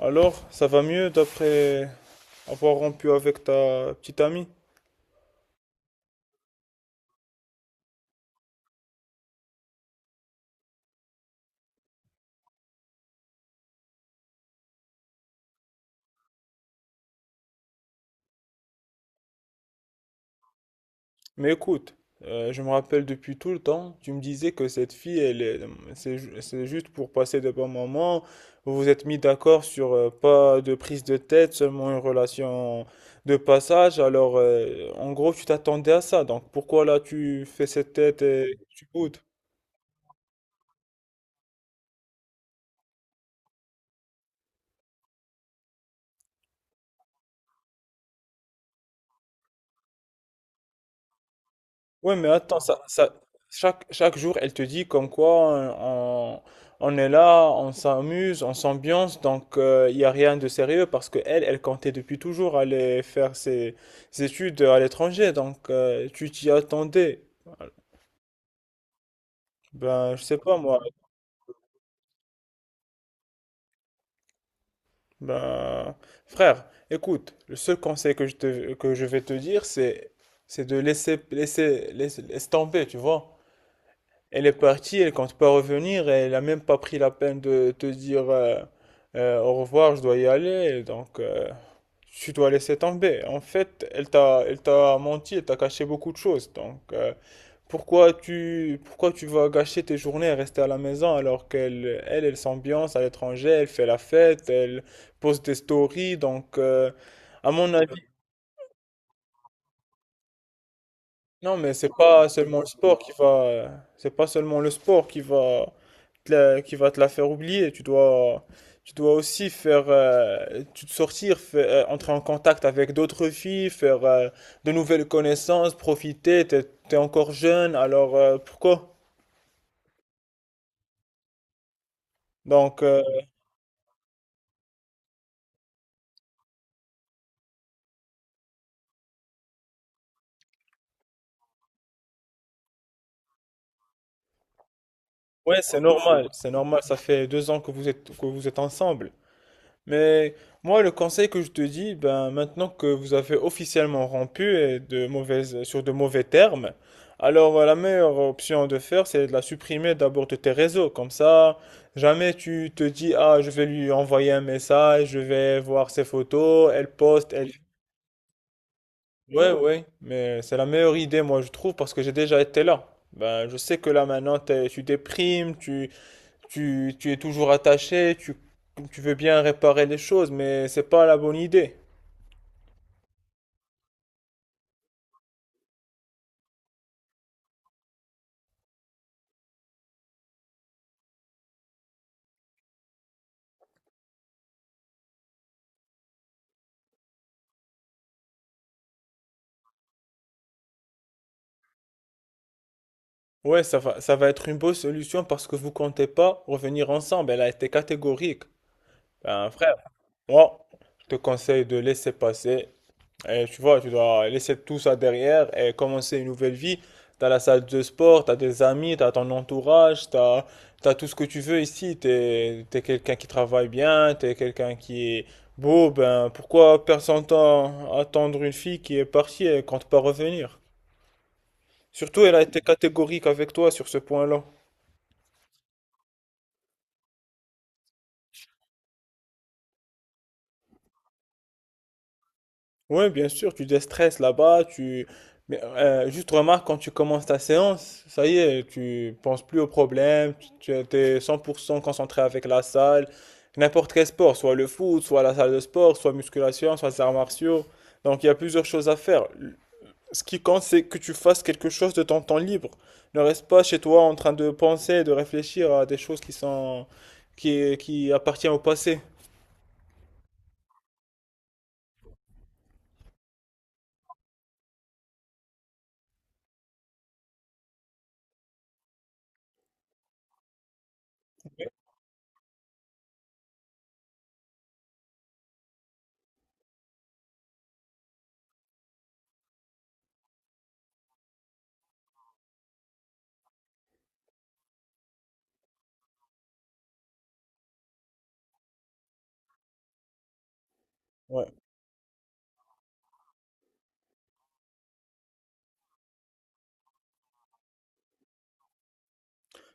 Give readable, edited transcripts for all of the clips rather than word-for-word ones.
Alors, ça va mieux d'après avoir rompu avec ta petite amie? Mais écoute, je me rappelle depuis tout le temps, tu me disais que cette fille, elle est, c'est, ju- c'est juste pour passer de bons moments. Vous vous êtes mis d'accord sur pas de prise de tête, seulement une relation de passage. Alors, en gros, tu t'attendais à ça. Donc, pourquoi là tu fais cette tête et tu boudes? Ouais, mais attends, chaque jour, elle te dit comme quoi on est là, on s'amuse, on s'ambiance, donc il y n'y a rien de sérieux parce que elle, elle comptait depuis toujours aller faire ses études à l'étranger, donc tu t'y attendais. Ben, je sais pas moi. Ben, frère, écoute, le seul conseil que que je vais te dire, c'est de laisse tomber, tu vois. Elle est partie, elle compte pas revenir, elle a même pas pris la peine de te dire au revoir, je dois y aller, donc tu dois laisser tomber. En fait, elle t'a menti, elle t'a caché beaucoup de choses, donc pourquoi tu vas gâcher tes journées à rester à la maison alors qu'elle, elle s'ambiance à l'étranger, elle fait la fête, elle poste des stories, donc à mon avis, non, mais c'est pas seulement le sport qui va qui va te la faire oublier. Tu dois aussi faire, tu te sortir, entrer en contact avec d'autres filles, faire de nouvelles connaissances, profiter. T'es encore jeune, alors pourquoi? Donc, ouais, c'est normal, c'est normal. Ça fait 2 ans que que vous êtes ensemble. Mais moi, le conseil que je te dis, ben, maintenant que vous avez officiellement rompu et de sur de mauvais termes, alors la meilleure option de faire, c'est de la supprimer d'abord de tes réseaux. Comme ça, jamais tu te dis, ah, je vais lui envoyer un message, je vais voir ses photos, elle poste, elle... Ouais, ouais, mais c'est la meilleure idée, moi, je trouve, parce que j'ai déjà été là. Ben, je sais que là, maintenant, tu déprimes, tu es toujours attaché, tu veux bien réparer les choses, mais c'est pas la bonne idée. Ouais, ça va être une bonne solution parce que vous comptez pas revenir ensemble. Elle a été catégorique. Ben, frère, moi, je te conseille de laisser passer. Et tu vois, tu dois laisser tout ça derrière et commencer une nouvelle vie. T'as la salle de sport, t'as des amis, t'as ton entourage, t'as tout ce que tu veux ici. T'es quelqu'un qui travaille bien, t'es quelqu'un qui est beau. Ben, pourquoi attendre une fille qui est partie et compte pas revenir? Surtout, elle a été catégorique avec toi sur ce point-là. Oui, bien sûr, tu déstresses là-bas, tu... Mais, juste remarque, quand tu commences ta séance, ça y est, tu penses plus aux problèmes, tu es 100% concentré avec la salle, n'importe quel sport, soit le foot, soit la salle de sport, soit musculation, soit les arts martiaux. Donc il y a plusieurs choses à faire. Ce qui compte, c'est que tu fasses quelque chose de ton temps libre. Ne reste pas chez toi en train de penser, de réfléchir à des choses qui sont... qui appartiennent au passé. Ouais.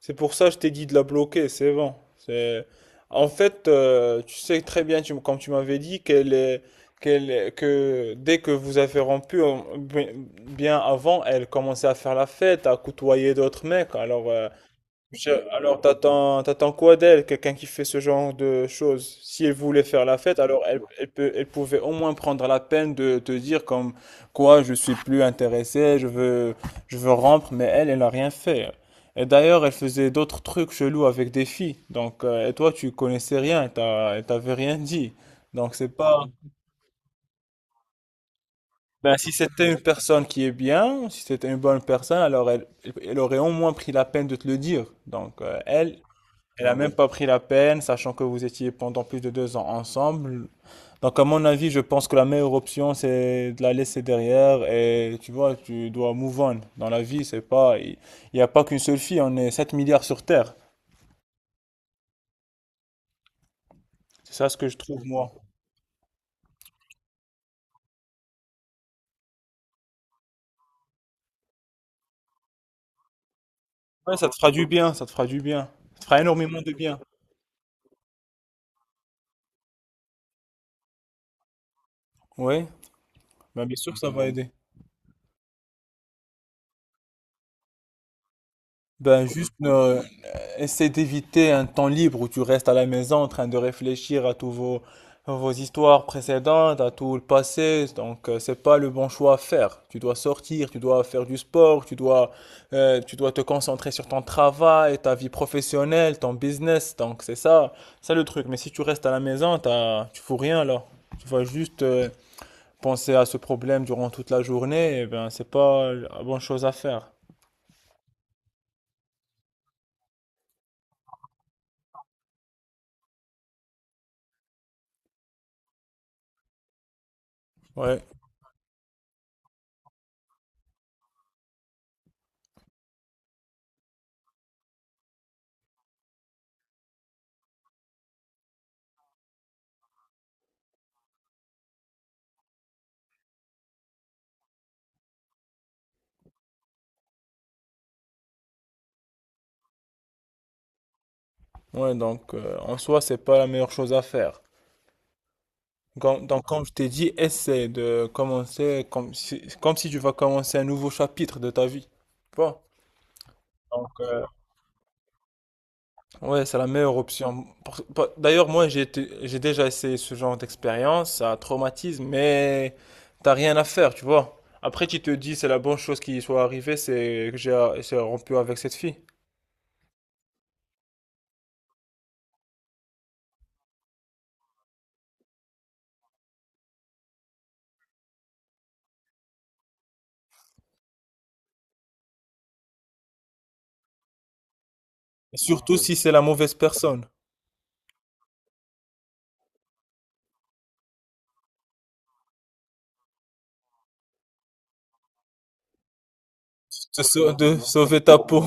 C'est pour ça que je t'ai dit de la bloquer, c'est bon. C'est... En fait, tu sais très bien, tu, comme tu m'avais dit, que dès que vous avez rompu, bien bien avant, elle commençait à faire la fête, à côtoyer d'autres mecs. Alors, alors, t'attends quoi d'elle, quelqu'un qui fait ce genre de choses? Si elle voulait faire la fête, alors elle, elle pouvait au moins prendre la peine de te dire comme quoi je suis plus intéressé, je veux rompre, mais elle, elle n'a rien fait. Et d'ailleurs, elle faisait d'autres trucs chelous avec des filles. Donc, et toi, tu connaissais rien, elle t'avait rien dit. Donc, c'est pas. Ben, si c'était une personne qui est bien, si c'était une bonne personne, alors elle aurait au moins pris la peine de te le dire. Donc, elle a même pas pris la peine, sachant que vous étiez pendant plus de 2 ans ensemble. Donc, à mon avis, je pense que la meilleure option, c'est de la laisser derrière et tu vois, tu dois move on. Dans la vie, c'est pas, il n'y a pas qu'une seule fille, on est 7 milliards sur Terre. C'est ça ce que je trouve, moi. Ouais, ça te fera du bien, ça te fera du bien. Ça te fera énormément de bien. Oui, bien sûr que ça va aider. Ben juste essaie d'éviter un temps libre où tu restes à la maison en train de réfléchir à vos histoires précédentes, à tout le passé. Donc c'est pas le bon choix à faire. Tu dois sortir, tu dois faire du sport, tu dois te concentrer sur ton travail, ta vie professionnelle, ton business. Donc c'est ça, ça le truc. Mais si tu restes à la maison, tu fous rien là. Tu vas juste penser à ce problème durant toute la journée. Et ben c'est pas la bonne chose à faire. Ouais. Ouais, donc en soi, c'est pas la meilleure chose à faire. Donc, comme je t'ai dit, essaie de commencer comme si tu vas commencer un nouveau chapitre de ta vie. Tu vois? Donc, ouais, c'est la meilleure option. D'ailleurs, moi, j'ai déjà essayé ce genre d'expérience, ça traumatise, mais t'as rien à faire, tu vois. Après, tu te dis, c'est la bonne chose qui soit arrivée, c'est que j'ai rompu avec cette fille. Et surtout si c'est la mauvaise personne, de, de sauver ta peau.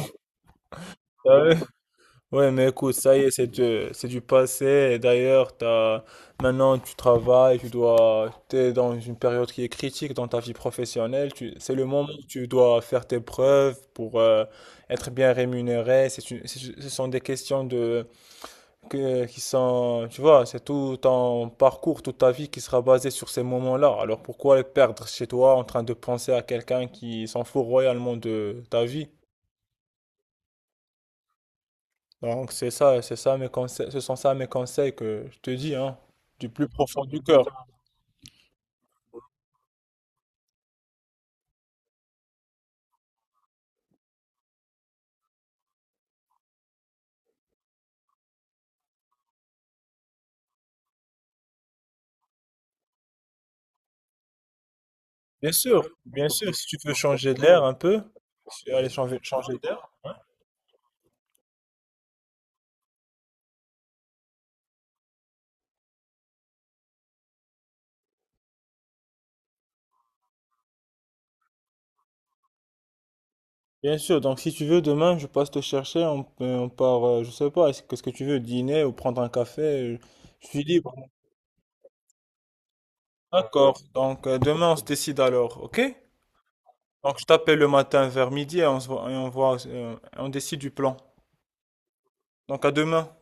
Ouais, mais écoute, ça y est, c'est du passé. Et d'ailleurs, maintenant, tu travailles, t'es dans une période qui est critique dans ta vie professionnelle. C'est le moment où tu dois faire tes preuves pour être bien rémunéré. Ce sont des questions qui sont, tu vois, c'est tout ton parcours, toute ta vie qui sera basée sur ces moments-là. Alors pourquoi les perdre chez toi en train de penser à quelqu'un qui s'en fout royalement de ta vie? Donc c'est ça, ce sont ça mes conseils que je te dis, hein, du plus profond du cœur. Bien sûr, si tu veux changer d'air un peu, si tu veux aller changer d'air. Bien sûr, donc si tu veux, demain je passe te chercher, on part, je sais pas, qu'est-ce que tu veux, dîner ou prendre un café, je suis libre. D'accord, donc demain on se décide alors, ok? Donc je t'appelle le matin vers midi et on voit, on décide du plan. Donc à demain.